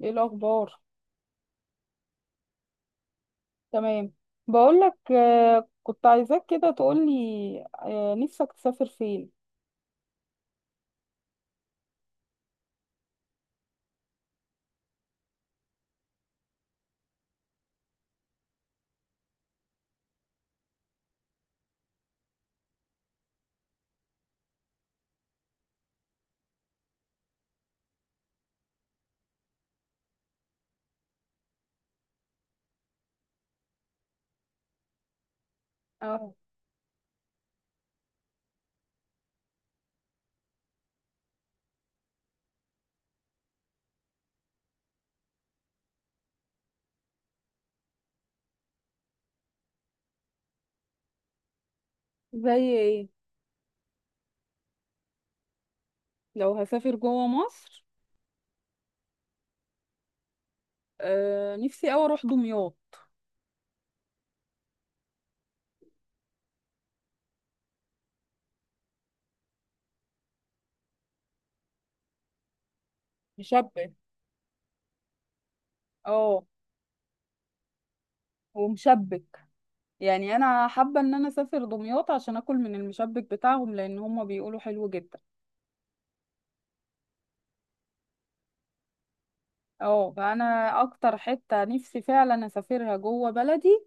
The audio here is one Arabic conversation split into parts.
ايه الاخبار؟ تمام. بقولك كنت عايزاك كده تقولي. نفسك تسافر فين؟ اه. زي ايه؟ لو هسافر جوه مصر، نفسي اوي اروح دمياط. مشبع. اه. ومشبك. يعني انا حابه ان انا اسافر دمياط عشان اكل من المشبك بتاعهم لان هم بيقولوا حلو جدا. اه، فانا اكتر حته نفسي فعلا اسافرها جوه بلدي،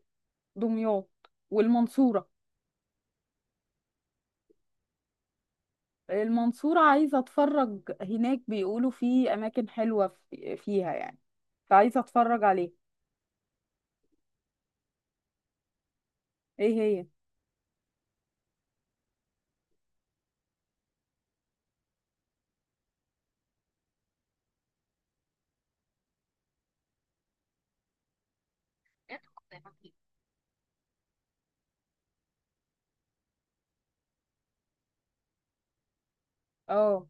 دمياط والمنصوره. المنصورة عايزة اتفرج هناك، بيقولوا في اماكن حلوة فيها يعني، فعايزة اتفرج عليه. ايه هي؟ اه.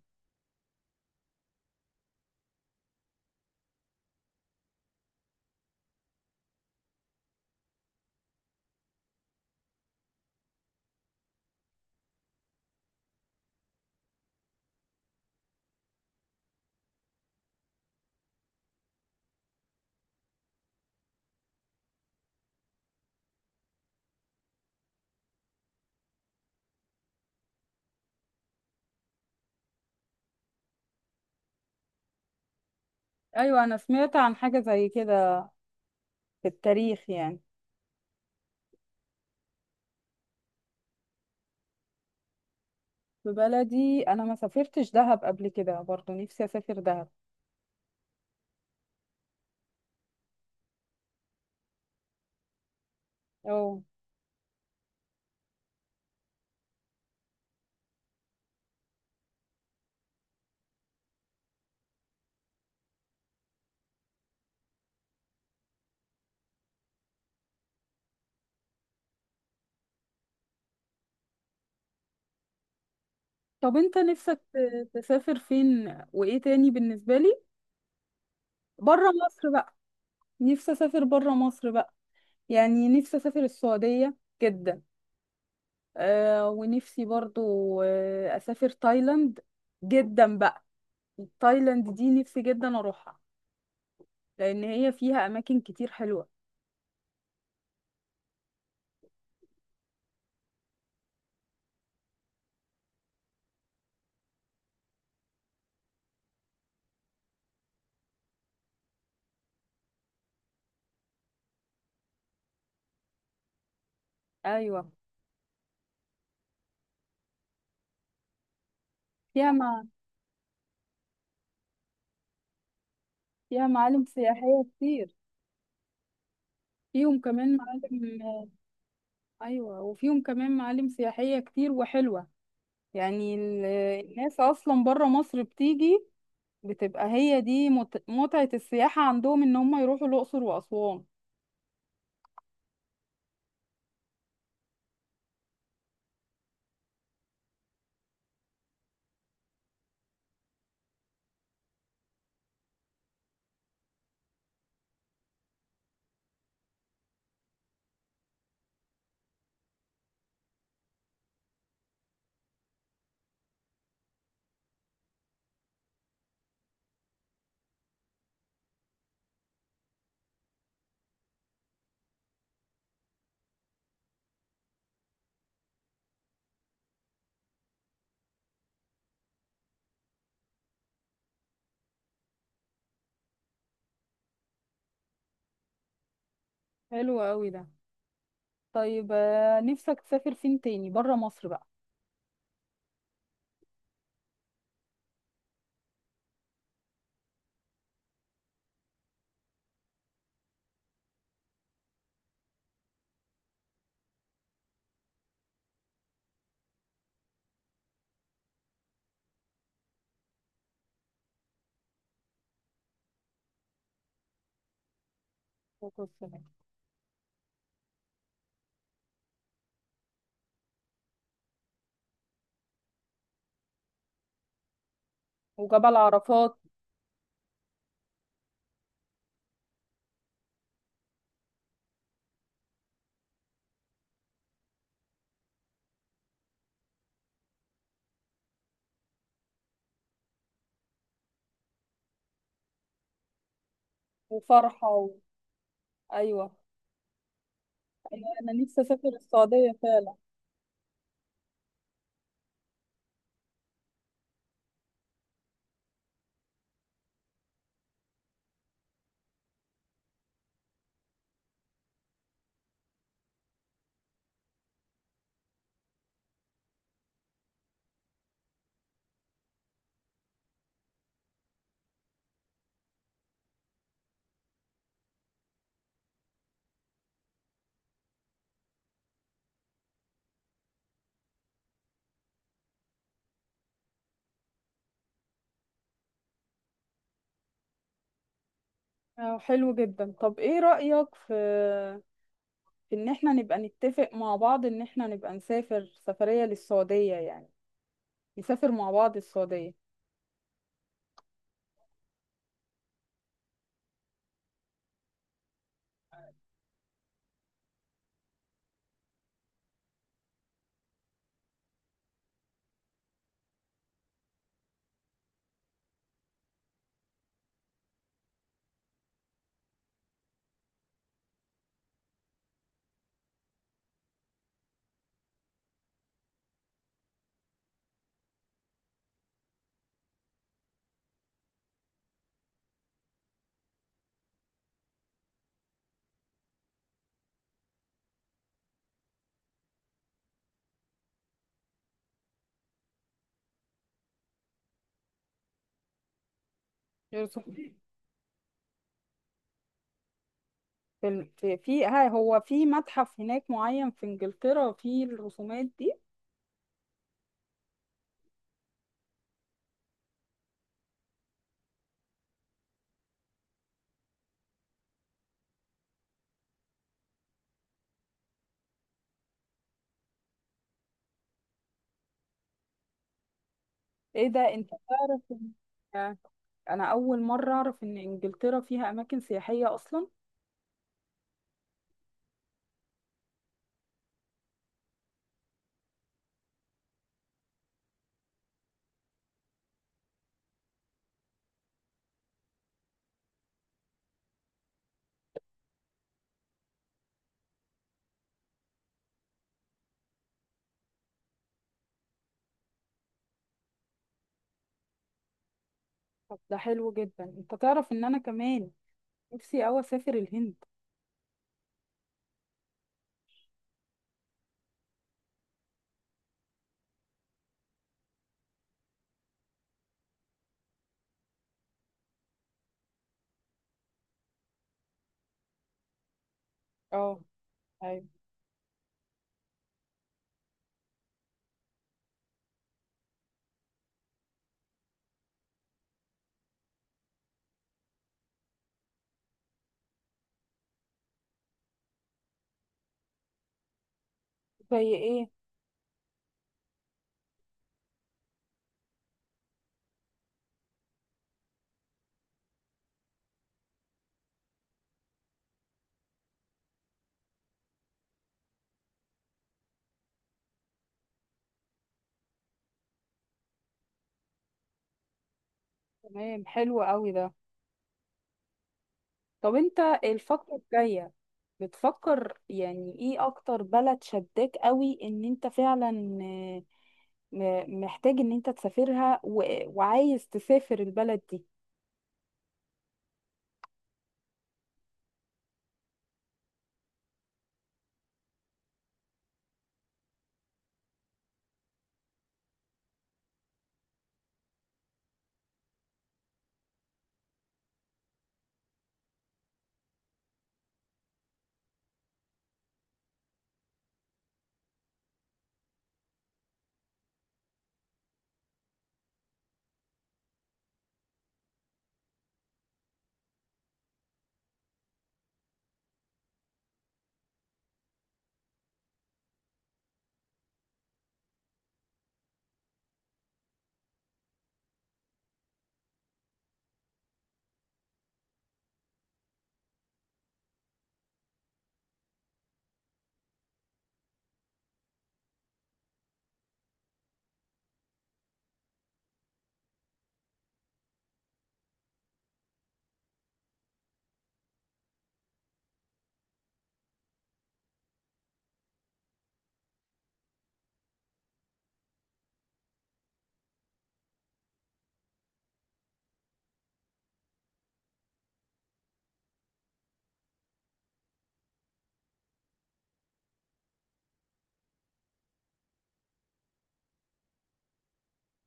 ايوه، انا سمعت عن حاجة زي كده في التاريخ يعني. في بلدي انا ما سافرتش دهب قبل كده، برضه نفسي اسافر دهب. اه. طب انت نفسك تسافر فين وايه تاني بالنسبة لي؟ بره مصر بقى. نفسي اسافر بره مصر بقى، يعني نفسي اسافر السعودية جدا. ونفسي برضو أسافر تايلاند جدا بقى. تايلاند دي نفسي جدا أروحها لأن هي فيها أماكن كتير حلوة. أيوة. فيها مع... فيها معالم سياحية كتير. فيهم كمان معالم. أيوة، وفيهم كمان معالم سياحية كتير وحلوة يعني. الناس أصلا برا مصر بتيجي. بتبقى هي دي مت... متعة السياحة عندهم إن هم يروحوا الأقصر وأسوان. حلو قوي ده. طيب، نفسك تسافر فين تاني برا مصر بقى؟ والصلاة والسلام. وجبل عرفات. وفرحة و... أيوة. أيوة، أنا نفسي أسافر السعودية فعلا. حلو جدا. طب إيه رأيك في إن إحنا نبقى نتفق مع بعض، إن إحنا نبقى نسافر سفرية للسعودية يعني، نسافر مع بعض السعودية. يا رسول- في ال- في في- ها هو في متحف هناك معين في إنجلترا فيه الرسومات دي. إيه ده أنت تعرف إن- آه، أنا أول مرة أعرف إن إنجلترا فيها أماكن سياحية أصلا. طب ده حلو جدا. انت تعرف ان انا كمان نفسي اوي اسافر الهند. اه. ايوه. زي ايه؟ تمام، حلو قوي ده. طب انت الفترة الجاية بتفكر يعني ايه اكتر بلد شداك قوي ان انت فعلا آه، محتاج ان انت تسافرها وعايز تسافر البلد دي؟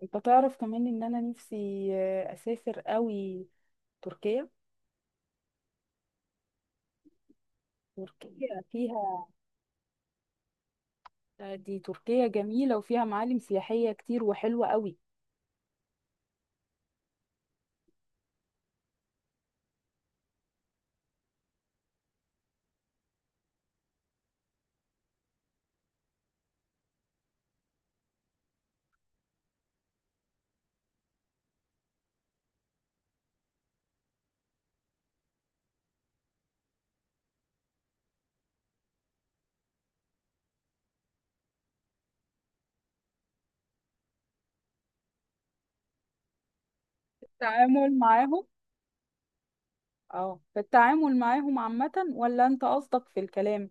انت تعرف كمان ان انا نفسي اسافر قوي تركيا. تركيا فيها، دي تركيا جميلة وفيها معالم سياحية كتير وحلوة قوي. التعامل معاهم، اه، في التعامل معاهم عامة ولا انت قصدك في الكلام؟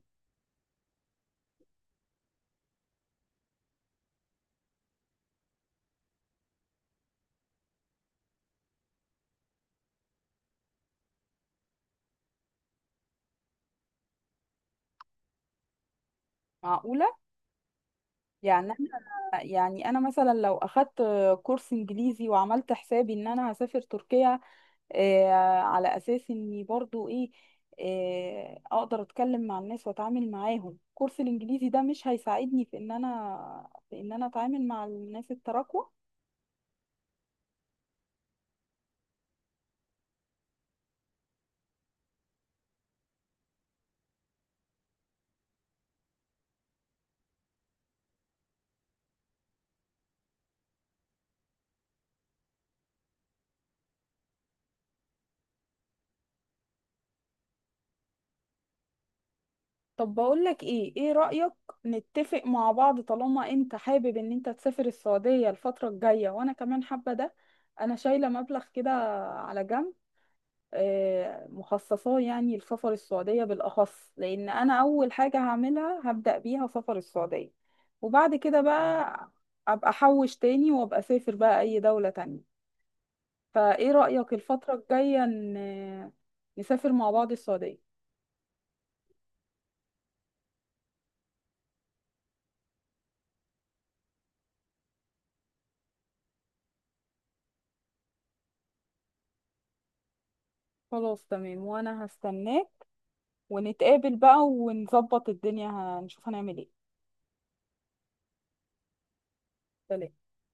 معقولة. يعني انا مثلا لو اخدت كورس انجليزي وعملت حسابي ان انا هسافر تركيا، آه على اساس اني برضو ايه، اقدر اتكلم مع الناس واتعامل معاهم، كورس الانجليزي ده مش هيساعدني في ان انا اتعامل مع الناس التراكوة؟ طب بقولك ايه رأيك، نتفق مع بعض طالما انت حابب ان انت تسافر السعودية الفترة الجاية وانا كمان حابة ده. انا شايلة مبلغ كده على جنب، مخصصاه يعني لسفر السعودية بالأخص، لأن أنا أول حاجة هعملها هبدأ بيها سفر السعودية. وبعد كده بقى أبقى أحوش تاني وأبقى أسافر بقى أي دولة تانية. فإيه رأيك، الفترة الجاية نسافر مع بعض السعودية؟ خلاص تمام، وأنا هستناك، ونتقابل بقى ونظبط الدنيا، هنشوف هنعمل ايه. سلام.